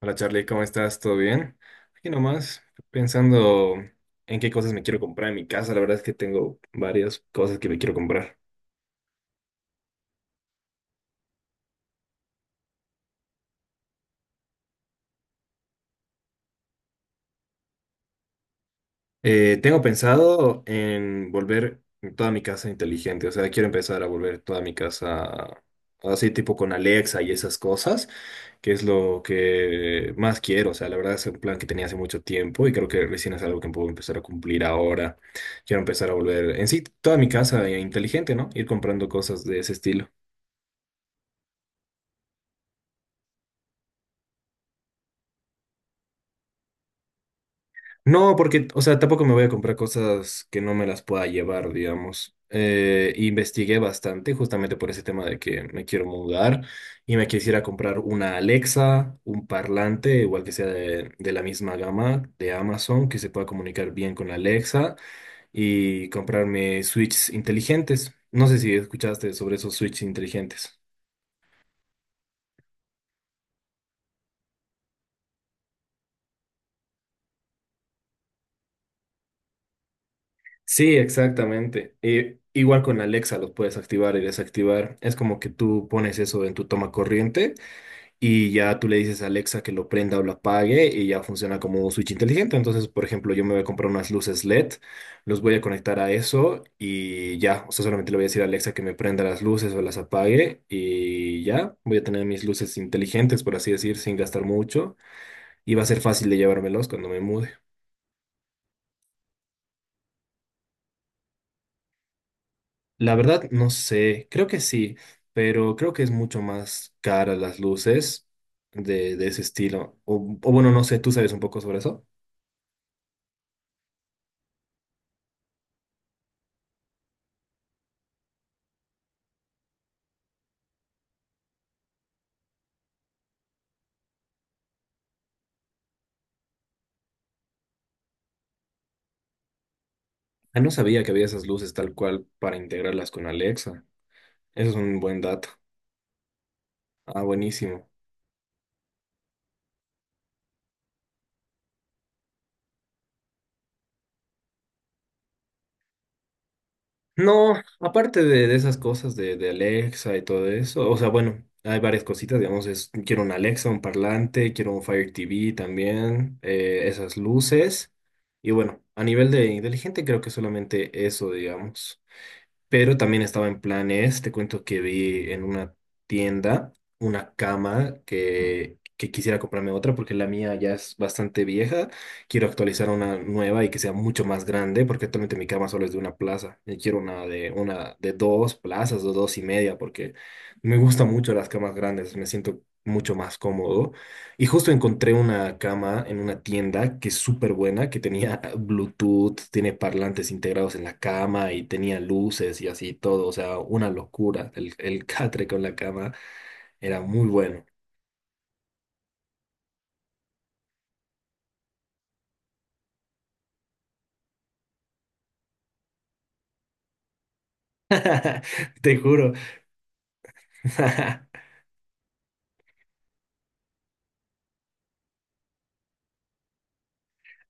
Hola Charlie, ¿cómo estás? ¿Todo bien? Aquí nomás, pensando en qué cosas me quiero comprar en mi casa. La verdad es que tengo varias cosas que me quiero comprar. Tengo pensado en volver toda mi casa inteligente. O sea, quiero empezar a volver toda mi casa así tipo con Alexa y esas cosas, que es lo que más quiero. O sea, la verdad es un plan que tenía hace mucho tiempo y creo que recién es algo que puedo empezar a cumplir ahora. Quiero empezar a volver en sí toda mi casa inteligente, ¿no? Ir comprando cosas de ese estilo. No, porque, o sea, tampoco me voy a comprar cosas que no me las pueda llevar, digamos. Investigué bastante justamente por ese tema de que me quiero mudar y me quisiera comprar una Alexa, un parlante, igual que sea de la misma gama de Amazon, que se pueda comunicar bien con Alexa y comprarme switches inteligentes. No sé si escuchaste sobre esos switches inteligentes. Sí, exactamente. Igual con Alexa los puedes activar y desactivar. Es como que tú pones eso en tu toma corriente Y ya tú le dices a Alexa que lo prenda o lo apague y ya funciona como un switch inteligente. Entonces, por ejemplo, yo me voy a comprar unas luces LED, los voy a conectar a eso y ya, o sea, solamente le voy a decir a Alexa que me prenda las luces o las apague y ya, voy a tener mis luces inteligentes, por así decir, sin gastar mucho y va a ser fácil de llevármelos cuando me mude. La verdad, no sé, creo que sí, pero creo que es mucho más cara las luces de ese estilo. O bueno, no sé, ¿tú sabes un poco sobre eso? Ah, no sabía que había esas luces tal cual para integrarlas con Alexa. Eso es un buen dato. Ah, buenísimo. No, aparte de esas cosas de Alexa y todo eso, o sea, bueno, hay varias cositas, digamos, es, quiero un Alexa, un parlante, quiero un Fire TV también, esas luces. Y bueno, a nivel de inteligente creo que solamente eso, digamos. Pero también estaba en planes, te cuento que vi en una tienda una cama que quisiera comprarme otra porque la mía ya es bastante vieja. Quiero actualizar una nueva y que sea mucho más grande porque actualmente mi cama solo es de una plaza. Y quiero una de dos plazas o dos y media porque me gustan mucho las camas grandes, me siento mucho más cómodo. Y justo encontré una cama en una tienda que es súper buena, que tenía Bluetooth, tiene parlantes integrados en la cama y tenía luces y así todo. O sea, una locura. El catre con la cama era muy bueno. Te juro.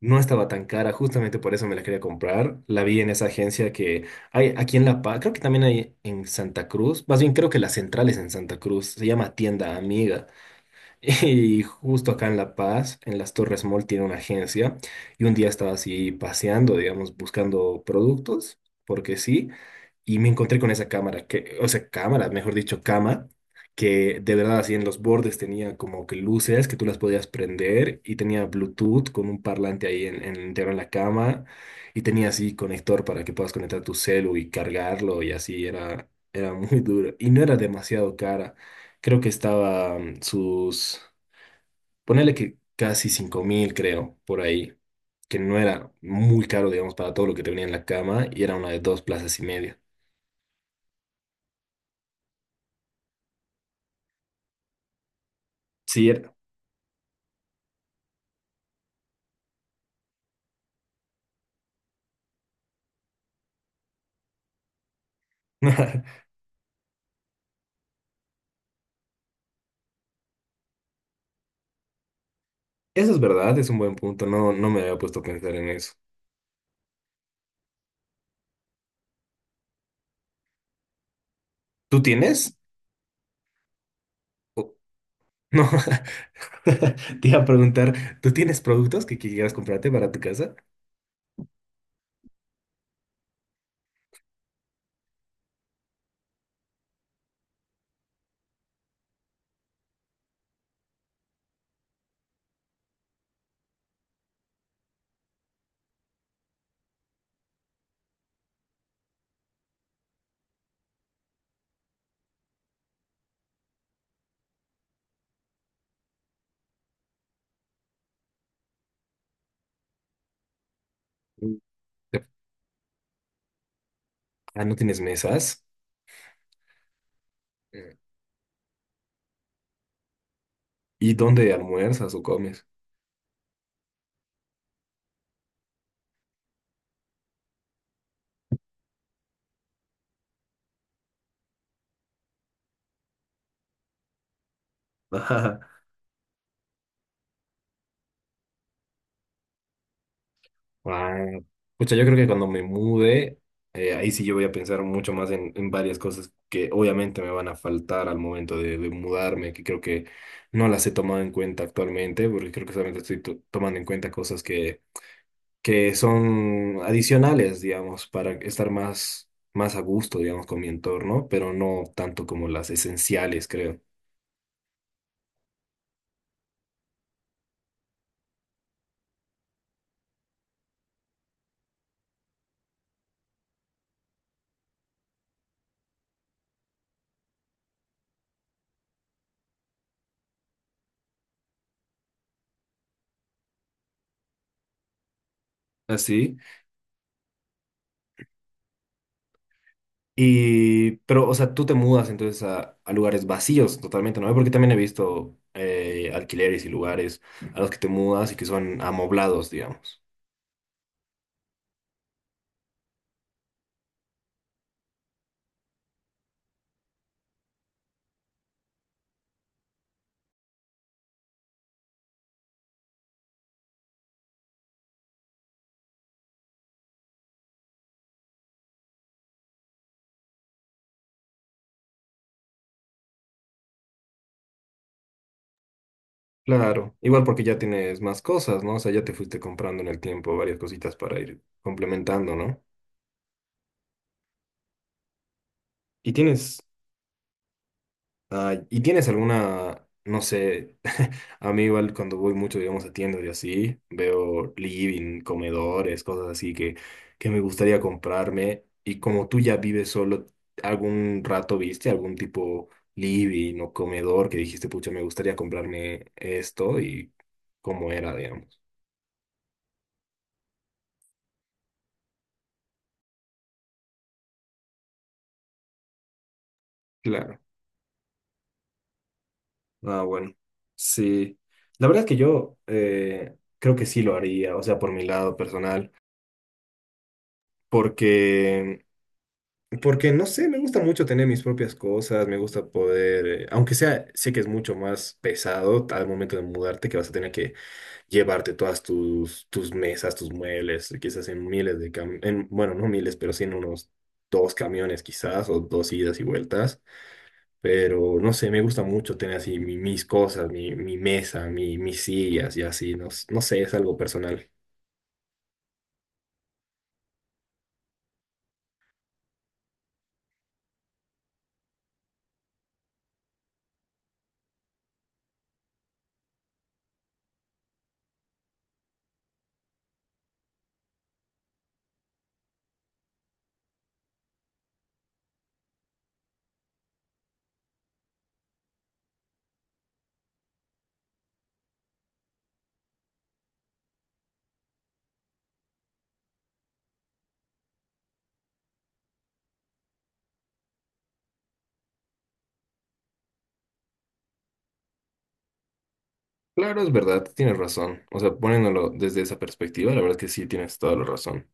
No estaba tan cara, justamente por eso me la quería comprar. La vi en esa agencia que hay aquí en La Paz, creo que también hay en Santa Cruz. Más bien creo que la central es en Santa Cruz. Se llama Tienda Amiga. Y justo acá en La Paz, en las Torres Mall, tiene una agencia. Y un día estaba así paseando, digamos, buscando productos, porque sí. Y me encontré con esa cámara, que, o sea, cámara, mejor dicho, cama, que de verdad así en los bordes tenía como que luces que tú las podías prender y tenía Bluetooth con un parlante ahí interno en la cama. Y tenía así conector para que puedas conectar tu celu y cargarlo y así era, era muy duro. Y no era demasiado cara. Creo que estaba sus... Ponerle que casi 5.000, creo, por ahí, que no era muy caro, digamos, para todo lo que te venía en la cama y era una de dos plazas y media. Sí, era. Eso es verdad, es un buen punto, no, no me había puesto a pensar en eso. ¿Tú tienes? O- No, te iba a preguntar, ¿tú tienes productos que quieras comprarte para tu casa? Mm. Ah, ¿no tienes mesas? Mm. ¿Y dónde almuerzas o comes? Wow. Pucha, yo creo que cuando me mude, ahí sí yo voy a pensar mucho más en varias cosas que obviamente me van a faltar al momento de mudarme, que creo que no las he tomado en cuenta actualmente, porque creo que solamente estoy tomando en cuenta cosas que son adicionales, digamos, para estar más, más a gusto, digamos, con mi entorno, pero no tanto como las esenciales, creo. ¿Así? Y, pero, o sea, tú te mudas entonces a lugares vacíos totalmente, ¿no? Porque también he visto alquileres y lugares a los que te mudas y que son amoblados, digamos. Claro, igual porque ya tienes más cosas, ¿no? O sea, ya te fuiste comprando en el tiempo varias cositas para ir complementando, ¿no? Y tienes, Ah, ¿y tienes alguna, no sé, a mí igual cuando voy mucho, digamos, a tiendas y así, veo living, comedores, cosas así que me gustaría comprarme. Y como tú ya vives solo, ¿algún rato viste algún tipo living o comedor que dijiste, pucha, me gustaría comprarme esto y cómo era, digamos? Claro. Ah, bueno. Sí. La verdad es que yo creo que sí lo haría, o sea, por mi lado personal, porque... Porque no sé, me gusta mucho tener mis propias cosas, me gusta poder, aunque sea, sé que es mucho más pesado al momento de mudarte, que vas a tener que llevarte todas tus, tus mesas, tus muebles, quizás en miles de camiones, bueno, no miles, pero sí en unos dos camiones quizás, o dos idas y vueltas. Pero no sé, me gusta mucho tener así mis cosas, mi mesa, mis sillas y así, no, no sé, es algo personal. Claro, es verdad, tienes razón. O sea, poniéndolo desde esa perspectiva, la verdad que sí tienes toda la razón.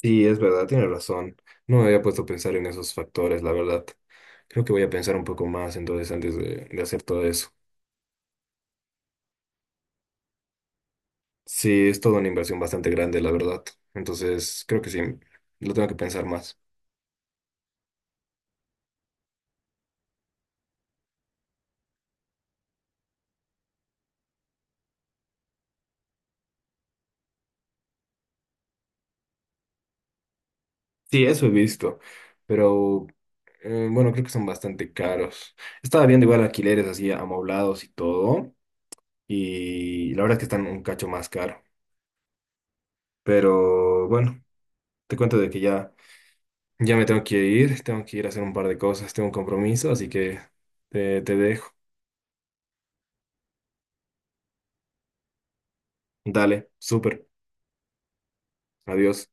Sí, es verdad, tienes razón. No me había puesto a pensar en esos factores, la verdad. Creo que voy a pensar un poco más entonces antes de hacer todo eso. Sí, es toda una inversión bastante grande, la verdad. Entonces, creo que sí, lo tengo que pensar más. Sí, eso he visto, pero bueno, creo que son bastante caros. Estaba viendo igual alquileres así amoblados y todo, y la verdad es que están un cacho más caro. Pero bueno, te cuento de que ya... Ya me tengo que ir a hacer un par de cosas, tengo un compromiso, así que te dejo. Dale, súper, adiós.